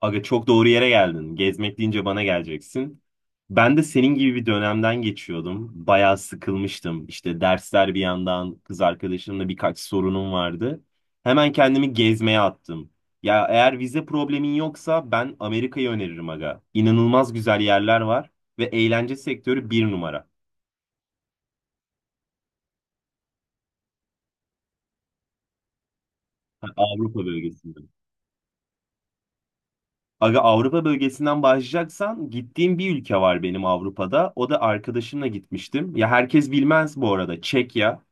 Aga çok doğru yere geldin. Gezmek deyince bana geleceksin. Ben de senin gibi bir dönemden geçiyordum. Bayağı sıkılmıştım. İşte dersler bir yandan, kız arkadaşımla birkaç sorunum vardı. Hemen kendimi gezmeye attım. Ya eğer vize problemin yoksa ben Amerika'yı öneririm aga. İnanılmaz güzel yerler var ve eğlence sektörü bir numara. Ha, Avrupa bölgesinde. Aga Avrupa bölgesinden başlayacaksan gittiğim bir ülke var benim Avrupa'da. O da arkadaşımla gitmiştim. Ya herkes bilmez bu arada. Çekya.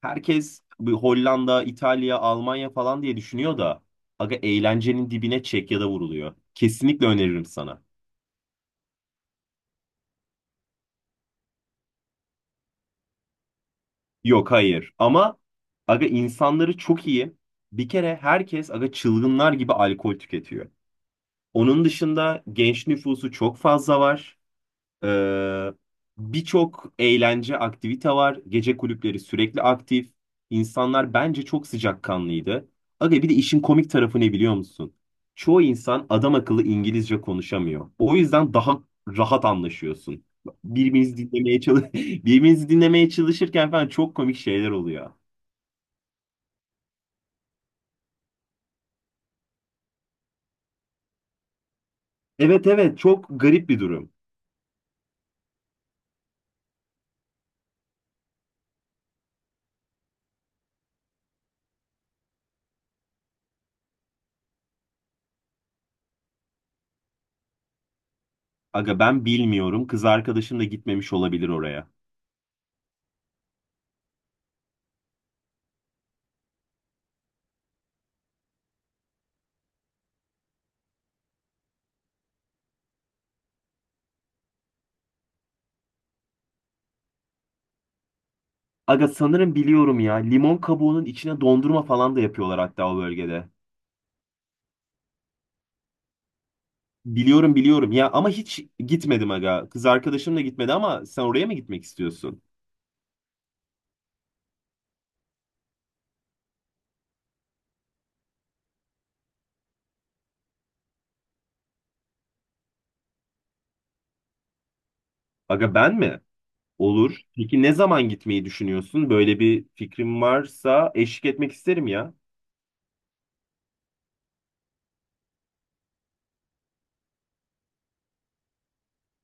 Herkes bir Hollanda, İtalya, Almanya falan diye düşünüyor da aga eğlencenin dibine Çekya'da vuruluyor. Kesinlikle öneririm sana. Yok hayır ama aga insanları çok iyi. Bir kere herkes aga çılgınlar gibi alkol tüketiyor. Onun dışında genç nüfusu çok fazla var. Ee, Birçok eğlence aktivite var. Gece kulüpleri sürekli aktif. İnsanlar bence çok sıcakkanlıydı. Aga bir de işin komik tarafı ne biliyor musun? Çoğu insan adam akıllı İngilizce konuşamıyor. O yüzden daha rahat anlaşıyorsun. Birbirinizi dinlemeye çalış birbirinizi dinlemeye çalışırken falan çok komik şeyler oluyor. Evet evet, çok garip bir durum. Aga ben bilmiyorum. Kız arkadaşım da gitmemiş olabilir oraya. Aga sanırım biliyorum ya. Limon kabuğunun içine dondurma falan da yapıyorlar hatta o bölgede. Biliyorum biliyorum ya, ama hiç gitmedim aga. Kız arkadaşım da gitmedi, ama sen oraya mı gitmek istiyorsun? Aga ben mi? Olur. Peki ne zaman gitmeyi düşünüyorsun? Böyle bir fikrim varsa eşlik etmek isterim ya.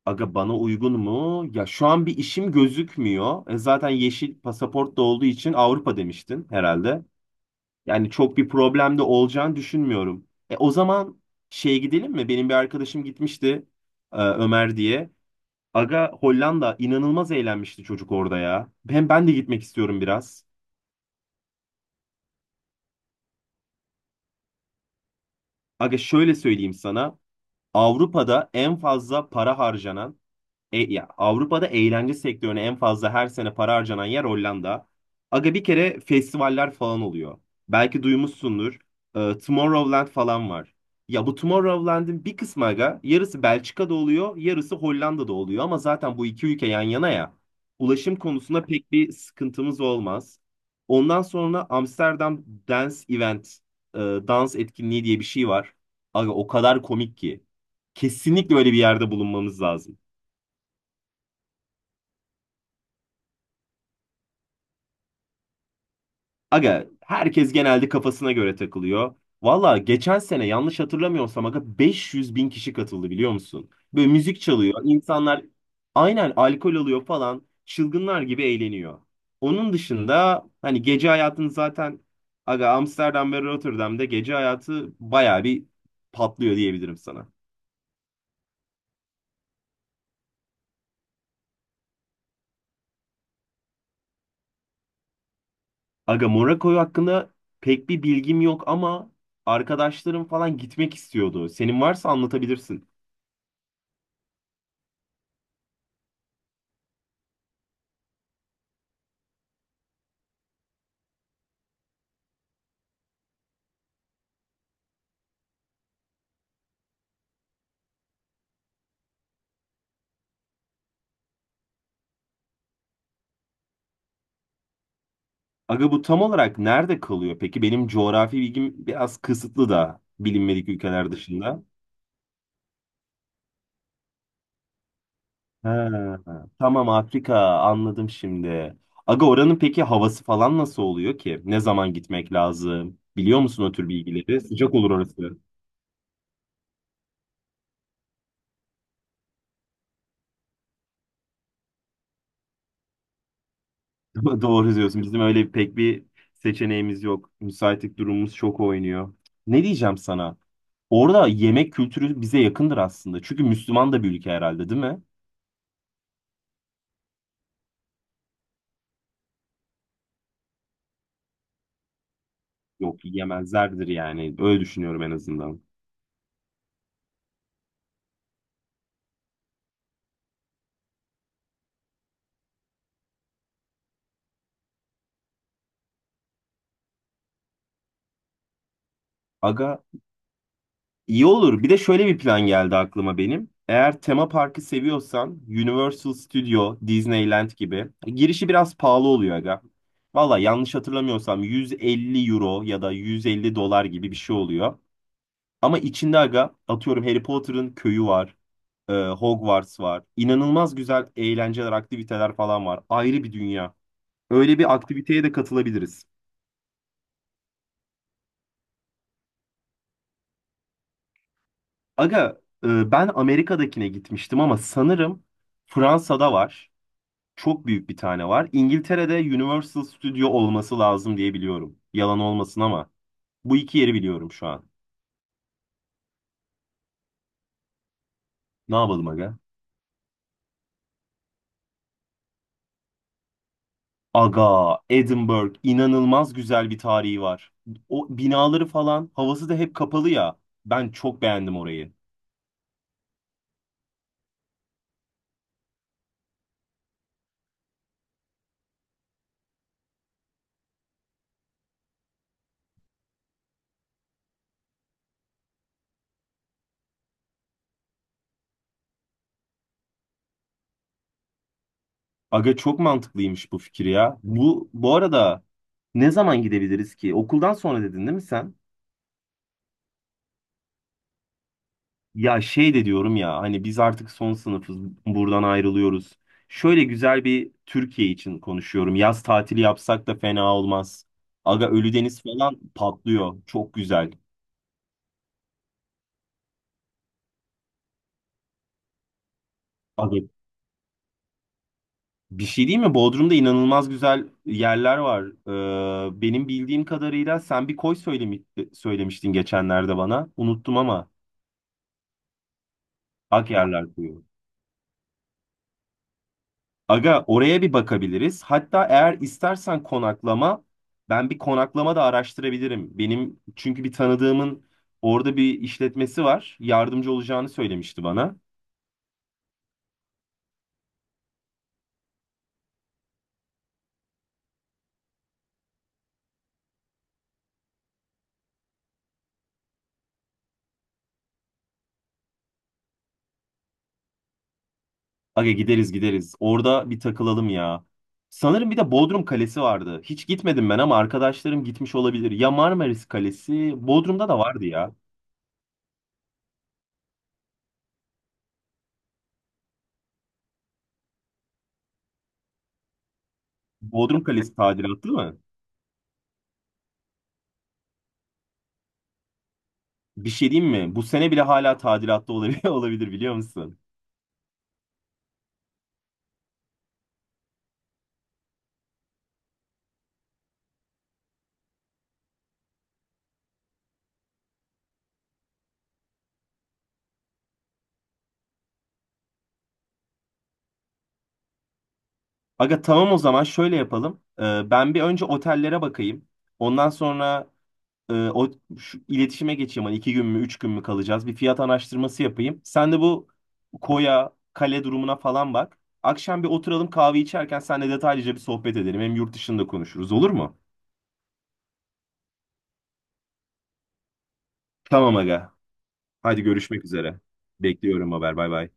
Aga bana uygun mu? Ya şu an bir işim gözükmüyor. Zaten yeşil pasaport da olduğu için Avrupa demiştin herhalde. Yani çok bir problem de olacağını düşünmüyorum. O zaman şeye gidelim mi? Benim bir arkadaşım gitmişti Ömer diye. Aga Hollanda inanılmaz eğlenmişti çocuk orada ya. Hem ben de gitmek istiyorum biraz. Aga şöyle söyleyeyim sana. Avrupa'da en fazla para harcanan E, ya Avrupa'da eğlence sektörüne en fazla her sene para harcanan yer Hollanda. Aga bir kere festivaller falan oluyor. Belki duymuşsundur. Tomorrowland falan var. Ya bu Tomorrowland'in bir kısmı aga yarısı Belçika'da oluyor, yarısı Hollanda'da oluyor, ama zaten bu iki ülke yan yana ya. Ulaşım konusunda pek bir sıkıntımız olmaz. Ondan sonra Amsterdam Dance Event, dans etkinliği diye bir şey var. Aga o kadar komik ki. Kesinlikle öyle bir yerde bulunmamız lazım. Aga herkes genelde kafasına göre takılıyor. Valla geçen sene yanlış hatırlamıyorsam aga 500 bin kişi katıldı biliyor musun? Böyle müzik çalıyor. İnsanlar aynen alkol alıyor falan. Çılgınlar gibi eğleniyor. Onun dışında hani gece hayatını zaten aga Amsterdam ve Rotterdam'da gece hayatı baya bir patlıyor diyebilirim sana. Aga Monaco hakkında pek bir bilgim yok, ama arkadaşlarım falan gitmek istiyordu. Senin varsa anlatabilirsin. Aga bu tam olarak nerede kalıyor? Peki benim coğrafi bilgim biraz kısıtlı da bilinmedik ülkeler dışında. Ha, tamam, Afrika anladım şimdi. Aga oranın peki havası falan nasıl oluyor ki? Ne zaman gitmek lazım? Biliyor musun o tür bilgileri? Sıcak olur orası. Doğru diyorsun. Bizim öyle pek bir seçeneğimiz yok. Müsaitlik durumumuz çok oynuyor. Ne diyeceğim sana? Orada yemek kültürü bize yakındır aslında. Çünkü Müslüman da bir ülke herhalde, değil mi? Yok, yemezlerdir yani. Öyle düşünüyorum en azından. Aga iyi olur. Bir de şöyle bir plan geldi aklıma benim. Eğer tema parkı seviyorsan Universal Studio, Disneyland gibi. Girişi biraz pahalı oluyor aga. Valla yanlış hatırlamıyorsam 150 euro ya da 150 dolar gibi bir şey oluyor. Ama içinde aga atıyorum Harry Potter'ın köyü var. Hogwarts var. İnanılmaz güzel eğlenceler, aktiviteler falan var. Ayrı bir dünya. Öyle bir aktiviteye de katılabiliriz. Aga ben Amerika'dakine gitmiştim, ama sanırım Fransa'da var. Çok büyük bir tane var. İngiltere'de Universal Studio olması lazım diye biliyorum. Yalan olmasın ama. Bu iki yeri biliyorum şu an. Ne yapalım aga? Aga, Edinburgh inanılmaz güzel bir tarihi var. O binaları falan havası da hep kapalı ya. Ben çok beğendim orayı. Aga çok mantıklıymış bu fikir ya. Bu arada ne zaman gidebiliriz ki? Okuldan sonra dedin değil mi sen? Ya şey de diyorum ya hani biz artık son sınıfız, buradan ayrılıyoruz. Şöyle güzel bir Türkiye için konuşuyorum. Yaz tatili yapsak da fena olmaz. Aga Ölüdeniz falan patlıyor. Çok güzel. Aga bir şey değil mi? Bodrum'da inanılmaz güzel yerler var. Benim bildiğim kadarıyla sen bir koy söylemiştin geçenlerde bana. Unuttum ama. Ak yerler koyu. Aga oraya bir bakabiliriz. Hatta eğer istersen konaklama, ben bir konaklama da araştırabilirim. Benim çünkü bir tanıdığımın orada bir işletmesi var. Yardımcı olacağını söylemişti bana. Aga gideriz gideriz. Orada bir takılalım ya. Sanırım bir de Bodrum Kalesi vardı. Hiç gitmedim ben, ama arkadaşlarım gitmiş olabilir. Ya Marmaris Kalesi, Bodrum'da da vardı ya. Bodrum Kalesi tadilatlı mı? Bir şey diyeyim mi? Bu sene bile hala tadilatlı olabilir, olabilir biliyor musun? Aga tamam, o zaman şöyle yapalım. Ben bir önce otellere bakayım. Ondan sonra e, o şu iletişime geçeyim. Hani iki gün mü, üç gün mü kalacağız? Bir fiyat araştırması yapayım. Sen de bu koya, kale durumuna falan bak. Akşam bir oturalım, kahve içerken seninle detaylıca bir sohbet edelim. Hem yurt dışında konuşuruz, olur mu? Tamam aga. Hadi görüşmek üzere. Bekliyorum haber. Bay bay.